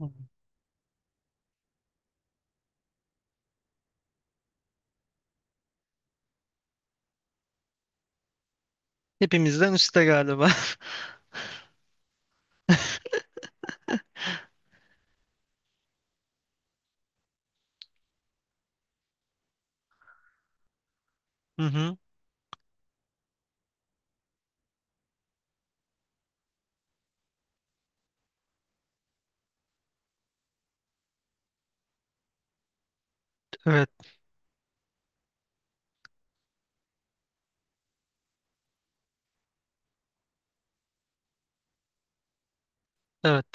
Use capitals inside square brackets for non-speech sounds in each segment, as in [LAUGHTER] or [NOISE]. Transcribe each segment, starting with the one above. Hı. Hepimizden üstte galiba. [LAUGHS] Hı hı. Evet, evet.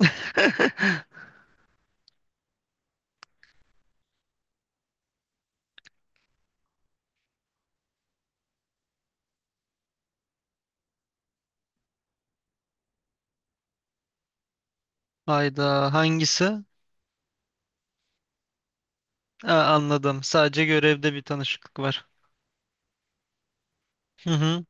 [LAUGHS] Hayda, hangisi? Aa, anladım. Sadece görevde bir tanışıklık var. Hı hı.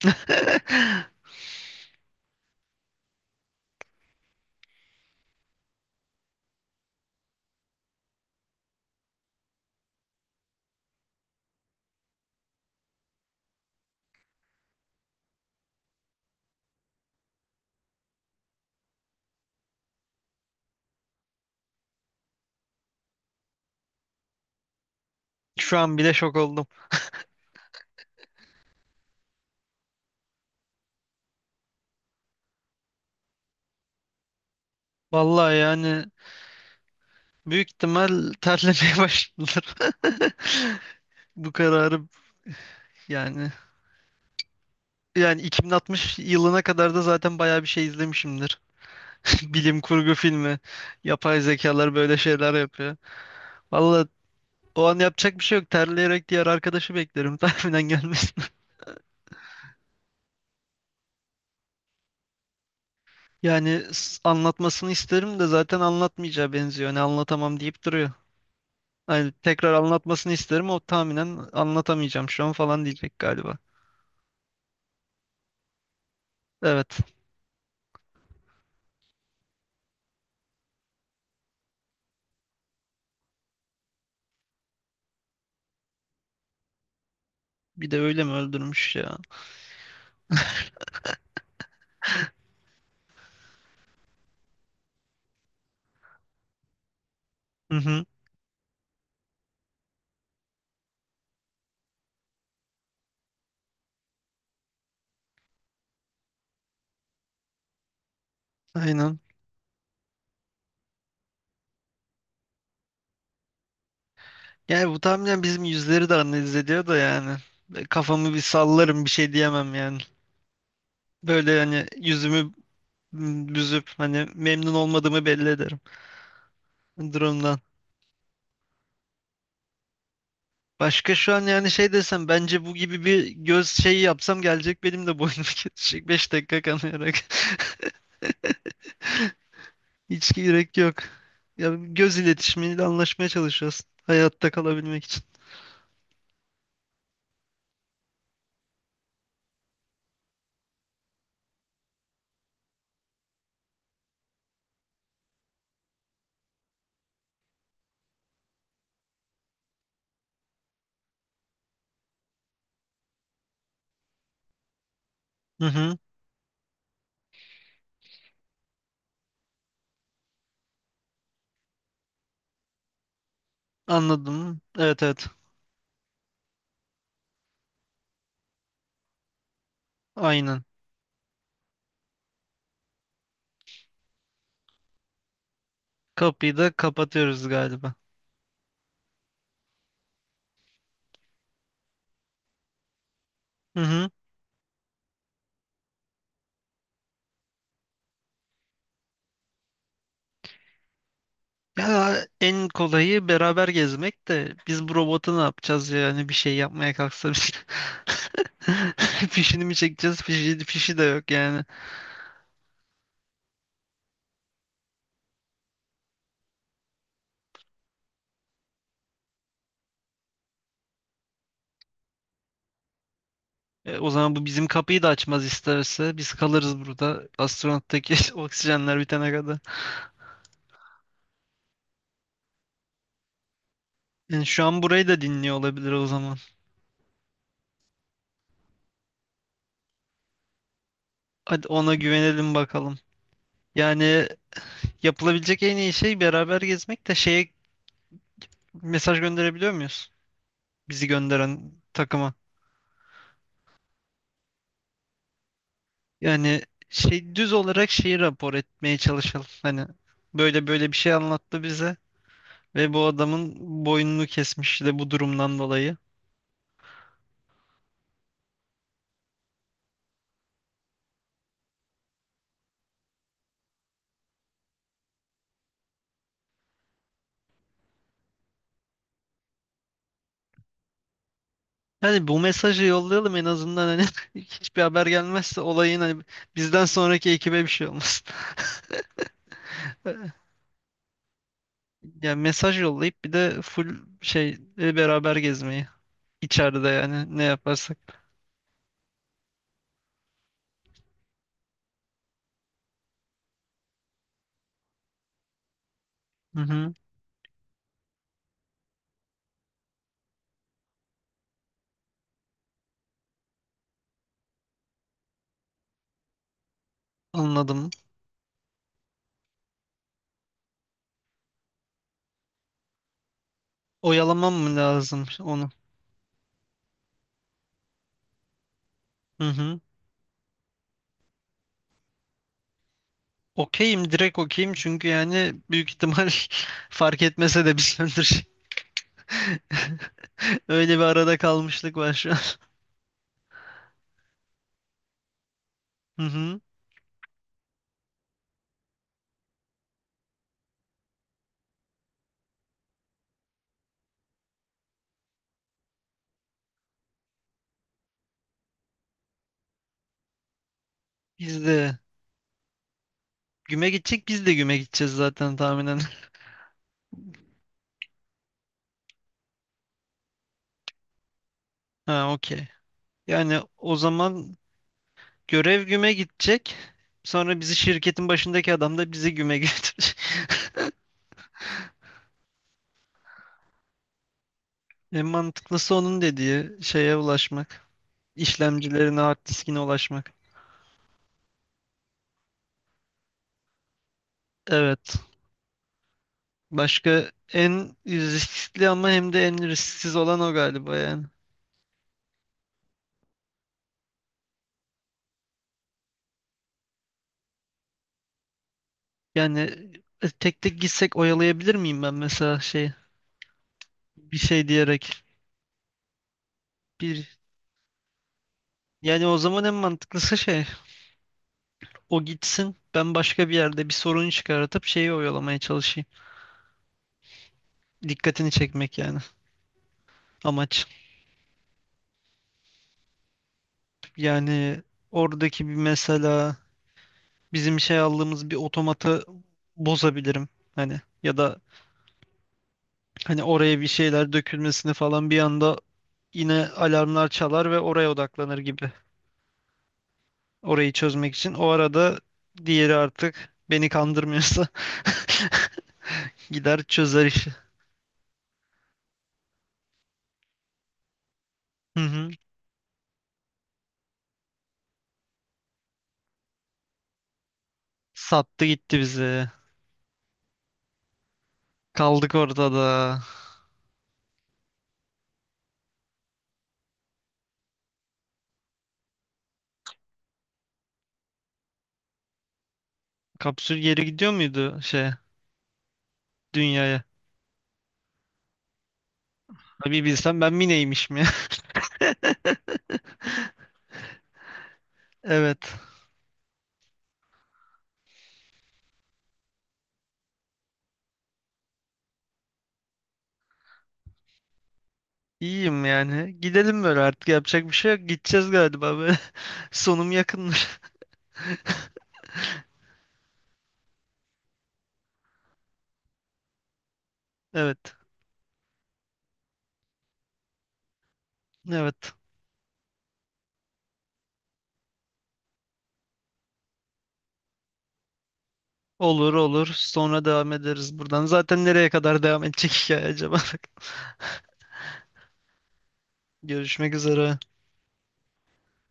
[LAUGHS] Şu an bile şok oldum. Vallahi, yani büyük ihtimal terlemeye [LAUGHS] başladılar. [LAUGHS] Bu kararı, yani yani 2060 yılına kadar da zaten bayağı bir şey izlemişimdir. [LAUGHS] Bilim kurgu filmi. Yapay zekalar böyle şeyler yapıyor. Vallahi, o an yapacak bir şey yok. Terleyerek diğer arkadaşı beklerim [LAUGHS] tahminen gelmesin. Yani anlatmasını isterim de zaten anlatmayacağı benziyor. Hani anlatamam deyip duruyor. Hani tekrar anlatmasını isterim, o tahminen anlatamayacağım şu an falan diyecek galiba. Evet. Bir de öyle mi öldürmüş ya? Hı hı. Aynen. Yani bu tahminen bizim yüzleri de analiz ediyor da yani. Kafamı bir sallarım, bir şey diyemem yani. Böyle hani yüzümü büzüp, hani memnun olmadığımı belli ederim durumdan. Başka şu an yani, şey desem, bence bu gibi bir göz şeyi yapsam gelecek benim de boynum [LAUGHS] kesecek 5 dakika kanayarak. [LAUGHS] Hiç gerek yok. Ya göz iletişimiyle anlaşmaya çalışıyoruz. Hayatta kalabilmek için. Hı hı, anladım. Evet, evet. Aynen. Kapıyı da kapatıyoruz galiba. Hı hı. Ya en kolayı beraber gezmek de biz bu robotu ne yapacağız ya? Yani bir şey yapmaya kalksa biz. [LAUGHS] Fişini mi çekeceğiz? Fişi de yok yani. O zaman bu bizim kapıyı da açmaz isterse. Biz kalırız burada. Astronottaki [LAUGHS] oksijenler bitene kadar. Yani şu an burayı da dinliyor olabilir o zaman. Hadi ona güvenelim bakalım. Yani yapılabilecek en iyi şey beraber gezmek de, şeye mesaj gönderebiliyor muyuz? Bizi gönderen takıma. Yani şey, düz olarak şeyi rapor etmeye çalışalım. Hani böyle böyle bir şey anlattı bize ve bu adamın boynunu kesmiş de bu durumdan dolayı. Hani bu mesajı yollayalım en azından, hani [LAUGHS] hiçbir haber gelmezse olayın, hani bizden sonraki ekibe bir şey olmasın. [LAUGHS] Yani mesaj yollayıp bir de full şey, beraber gezmeyi. İçeride yani, ne yaparsak. Hı hı, anladım. Oyalamam mı lazım onu? Hı hı. Okeyim, direkt okeyim, çünkü yani büyük ihtimal [LAUGHS] fark etmese de biz öldür. [LAUGHS] Öyle bir arada kalmışlık var şu an. Hı hı. Biz de biz de güme gideceğiz zaten tahminen. Ha, okey. Yani o zaman görev güme gidecek. Sonra bizi şirketin başındaki adam da bizi güme götürecek. [LAUGHS] En mantıklısı onun dediği şeye ulaşmak. İşlemcilerine, hard diskine ulaşmak. Evet. Başka en riskli ama hem de en risksiz olan o galiba yani. Yani tek tek gitsek oyalayabilir miyim ben mesela, şey, bir şey diyerek. Bir, yani o zaman en mantıklısı şey: o gitsin. Ben başka bir yerde bir sorun çıkartıp şeyi oyalamaya çalışayım. Dikkatini çekmek yani amaç. Yani oradaki bir, mesela bizim şey aldığımız bir otomatı bozabilirim. Hani, ya da hani oraya bir şeyler dökülmesini falan bir anda, yine alarmlar çalar ve oraya odaklanır gibi. Orayı çözmek için. O arada diğeri artık beni kandırmıyorsa [LAUGHS] gider çözer işi. Hı hı. Sattı gitti bizi. Kaldık ortada. Kapsül geri gidiyor muydu şeye, dünyaya? Abi, bilsem ben mi neymişim ya. [LAUGHS] Evet. İyiyim yani. Gidelim böyle, artık yapacak bir şey yok. Gideceğiz galiba böyle. [LAUGHS] Sonum yakınmış. Evet. Evet. Olur olur. Sonra devam ederiz buradan. Zaten nereye kadar devam edecek hikaye acaba? [LAUGHS] Görüşmek üzere.